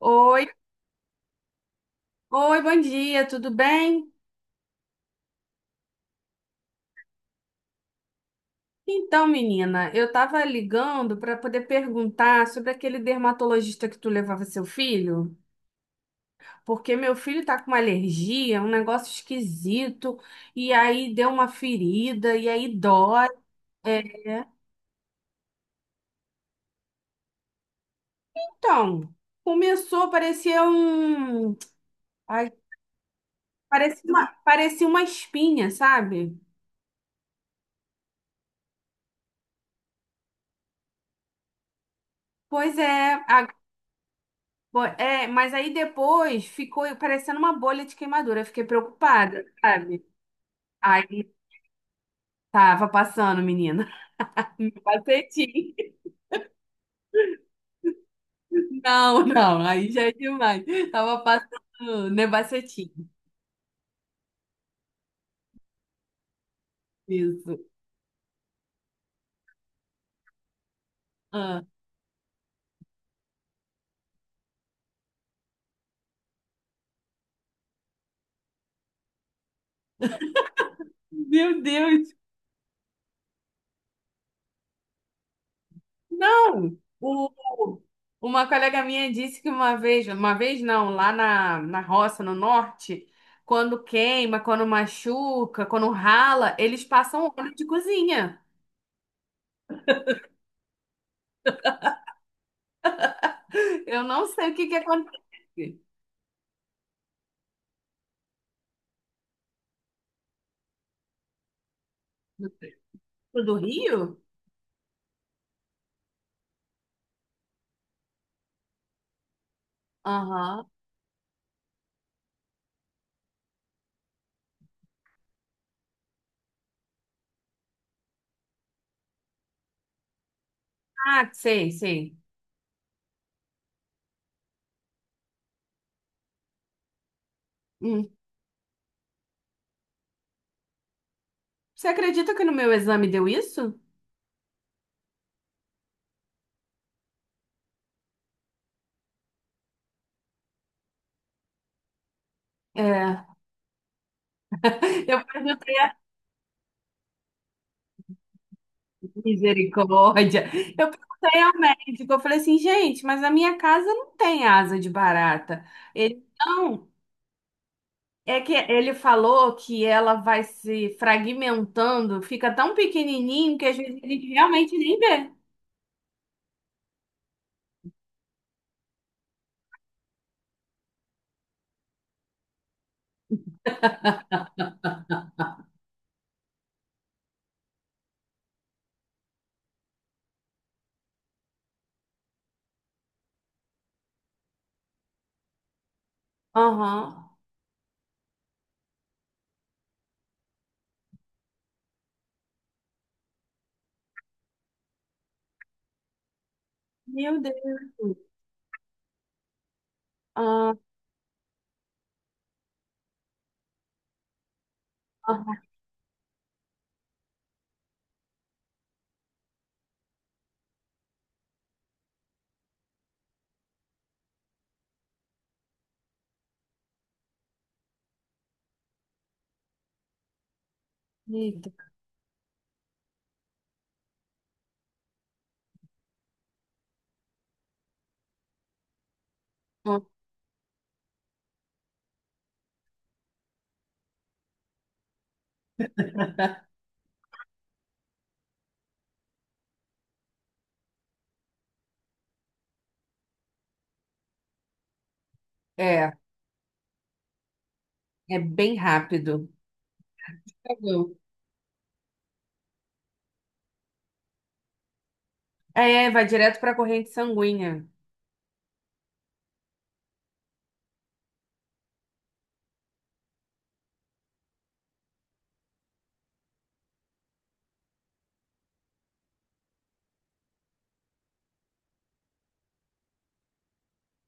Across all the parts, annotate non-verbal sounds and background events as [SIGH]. Oi, oi, bom dia, tudo bem? Então, menina, eu tava ligando para poder perguntar sobre aquele dermatologista que tu levava seu filho, porque meu filho tá com uma alergia, um negócio esquisito, e aí deu uma ferida, e aí dói. É, então, começou, parecia um. Ai, parecia uma espinha, sabe? Pois é, É, mas aí depois ficou parecendo uma bolha de queimadura. Eu fiquei preocupada, sabe? Aí tava passando, menina. [LAUGHS] Nebacetim. Não, não, aí já é demais. Tava passando nebacetim. Isso. Ah. Meu Deus! Não! Uma colega minha disse que uma vez não, lá na, na roça, no norte, quando queima, quando machuca, quando rala, eles passam óleo de cozinha. Eu não sei o que que aconteceu. Do Rio? Aham. Ah, sei, sei. Hum. Você acredita que no meu exame deu isso? É, eu perguntei a misericórdia. Eu perguntei ao médico, eu falei assim, gente, mas a minha casa não tem asa de barata. Ele não. É que ele falou que ela vai se fragmentando, fica tão pequenininho que às vezes a gente realmente nem vê. Aham. Meu Deus. Ah, ah, eita. É, é bem rápido. Entendeu? É, vai direto para a corrente sanguínea.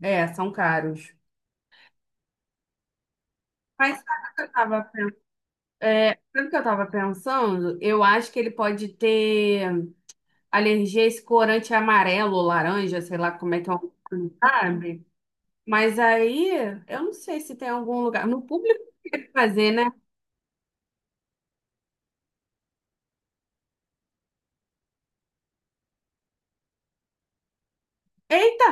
É, são caros. Mas sabe o que eu tava, sabe o que eu tava pensando? Eu acho que ele pode ter alergia a esse corante amarelo, laranja, sei lá como é que é, o nome, sabe? Mas aí, eu não sei se tem algum lugar. No público que ele fazer, né? Eita!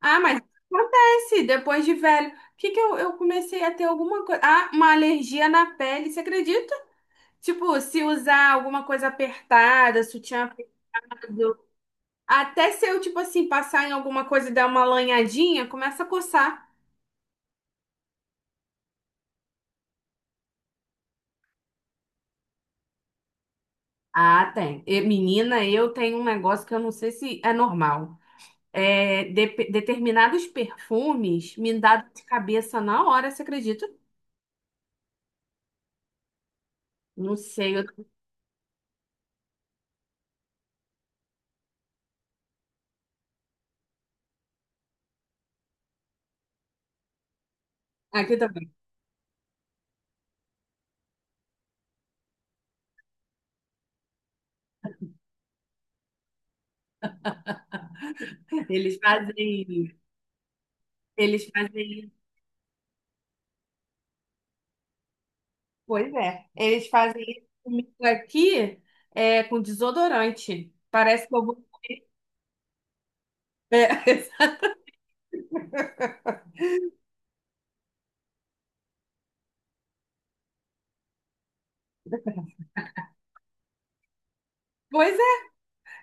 Ah, mas acontece, depois de velho. O que que eu comecei a ter alguma coisa? Ah, uma alergia na pele, você acredita? Tipo, se usar alguma coisa apertada, sutiã apertado. Até se eu, tipo assim, passar em alguma coisa e dar uma lanhadinha, começa a coçar. Ah, tem. E, menina, eu tenho um negócio que eu não sei se é normal. É, determinados perfumes me dá dor de cabeça na hora, você acredita? Não sei. Aqui também. Eles fazem. Eles fazem. Pois é. Eles fazem isso comigo aqui é, com desodorante. Parece que eu vou. [LAUGHS] É. Pois é.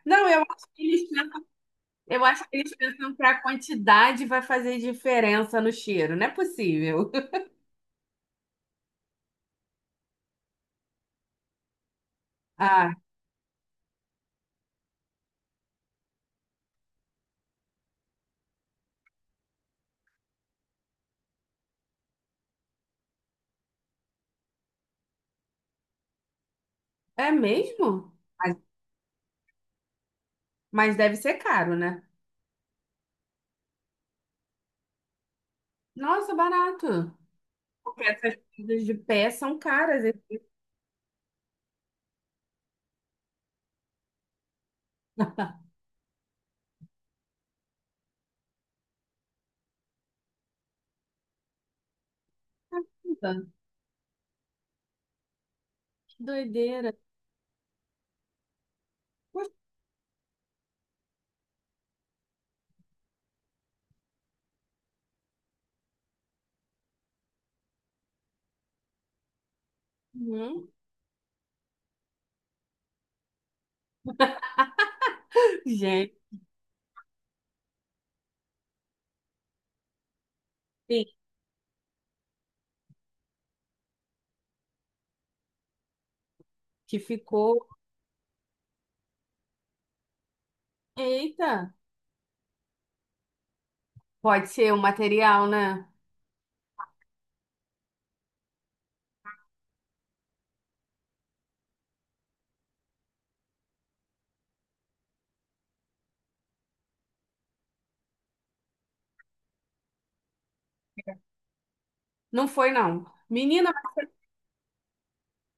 Não, eu acho que eles pensam, eu acho que eles pensam que a quantidade vai fazer diferença no cheiro. Não é possível. [LAUGHS] Ah, é mesmo? Mas, deve ser caro, né? Nossa, barato. Porque essas coisas de pé são caras. Eita, [LAUGHS] que doideira. Poxa, hum. Gente, que ficou. Eita, pode ser o material, né? Não foi, não. Menina,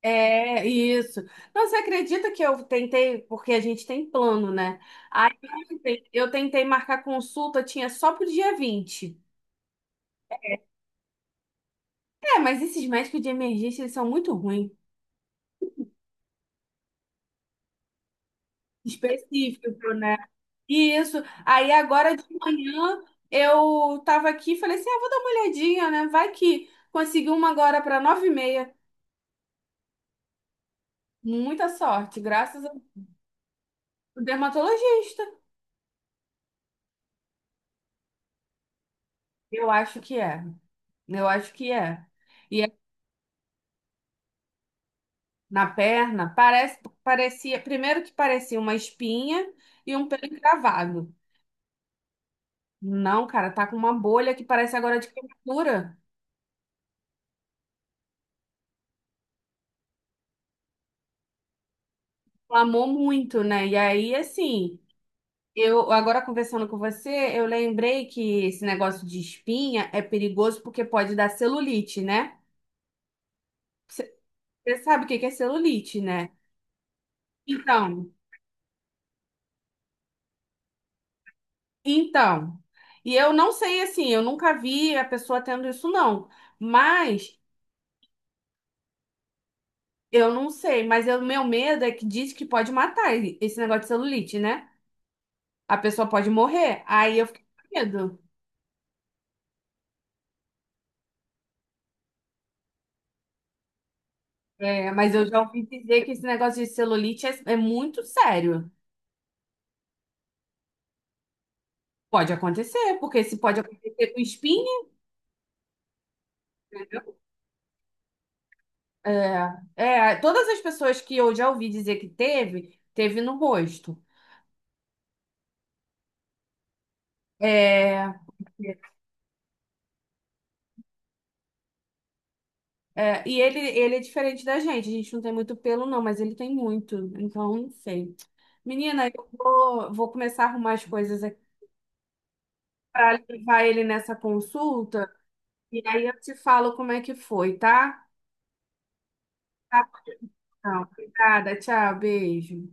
é isso. Não, você acredita que eu tentei, porque a gente tem plano, né? Aí ontem eu tentei marcar consulta, tinha só pro dia 20. É, mas esses médicos de emergência, eles são muito ruins. Específico, né? Isso. Aí agora de manhã eu tava aqui e falei assim: ah, vou dar uma olhadinha, né? Vai que consegui uma agora para 9:30. Muita sorte, graças ao dermatologista. Eu acho que é. Eu acho que é. E na perna, parece, parecia, primeiro que parecia uma espinha e um pelo encravado. Não, cara, tá com uma bolha que parece agora de queimadura. Inflamou muito, né? E aí, assim, eu agora conversando com você, eu lembrei que esse negócio de espinha é perigoso porque pode dar celulite, né? Você sabe o que que é celulite, né? Então, então. E eu não sei, assim, eu nunca vi a pessoa tendo isso, não. Mas eu não sei, mas o meu medo é que diz que pode matar esse negócio de celulite, né? A pessoa pode morrer. Aí eu fiquei com medo. É, mas eu já ouvi dizer que esse negócio de celulite é, é muito sério. Pode acontecer, porque se pode acontecer com espinha, entendeu? É, é, todas as pessoas que eu já ouvi dizer que teve, teve no rosto. É, é, e ele é diferente da gente. A gente não tem muito pelo, não, mas ele tem muito. Então, não sei. Menina, eu vou começar a arrumar as coisas aqui para levar ele nessa consulta e aí eu te falo como é que foi, tá? Tá, bom, então. Obrigada, tchau, beijo.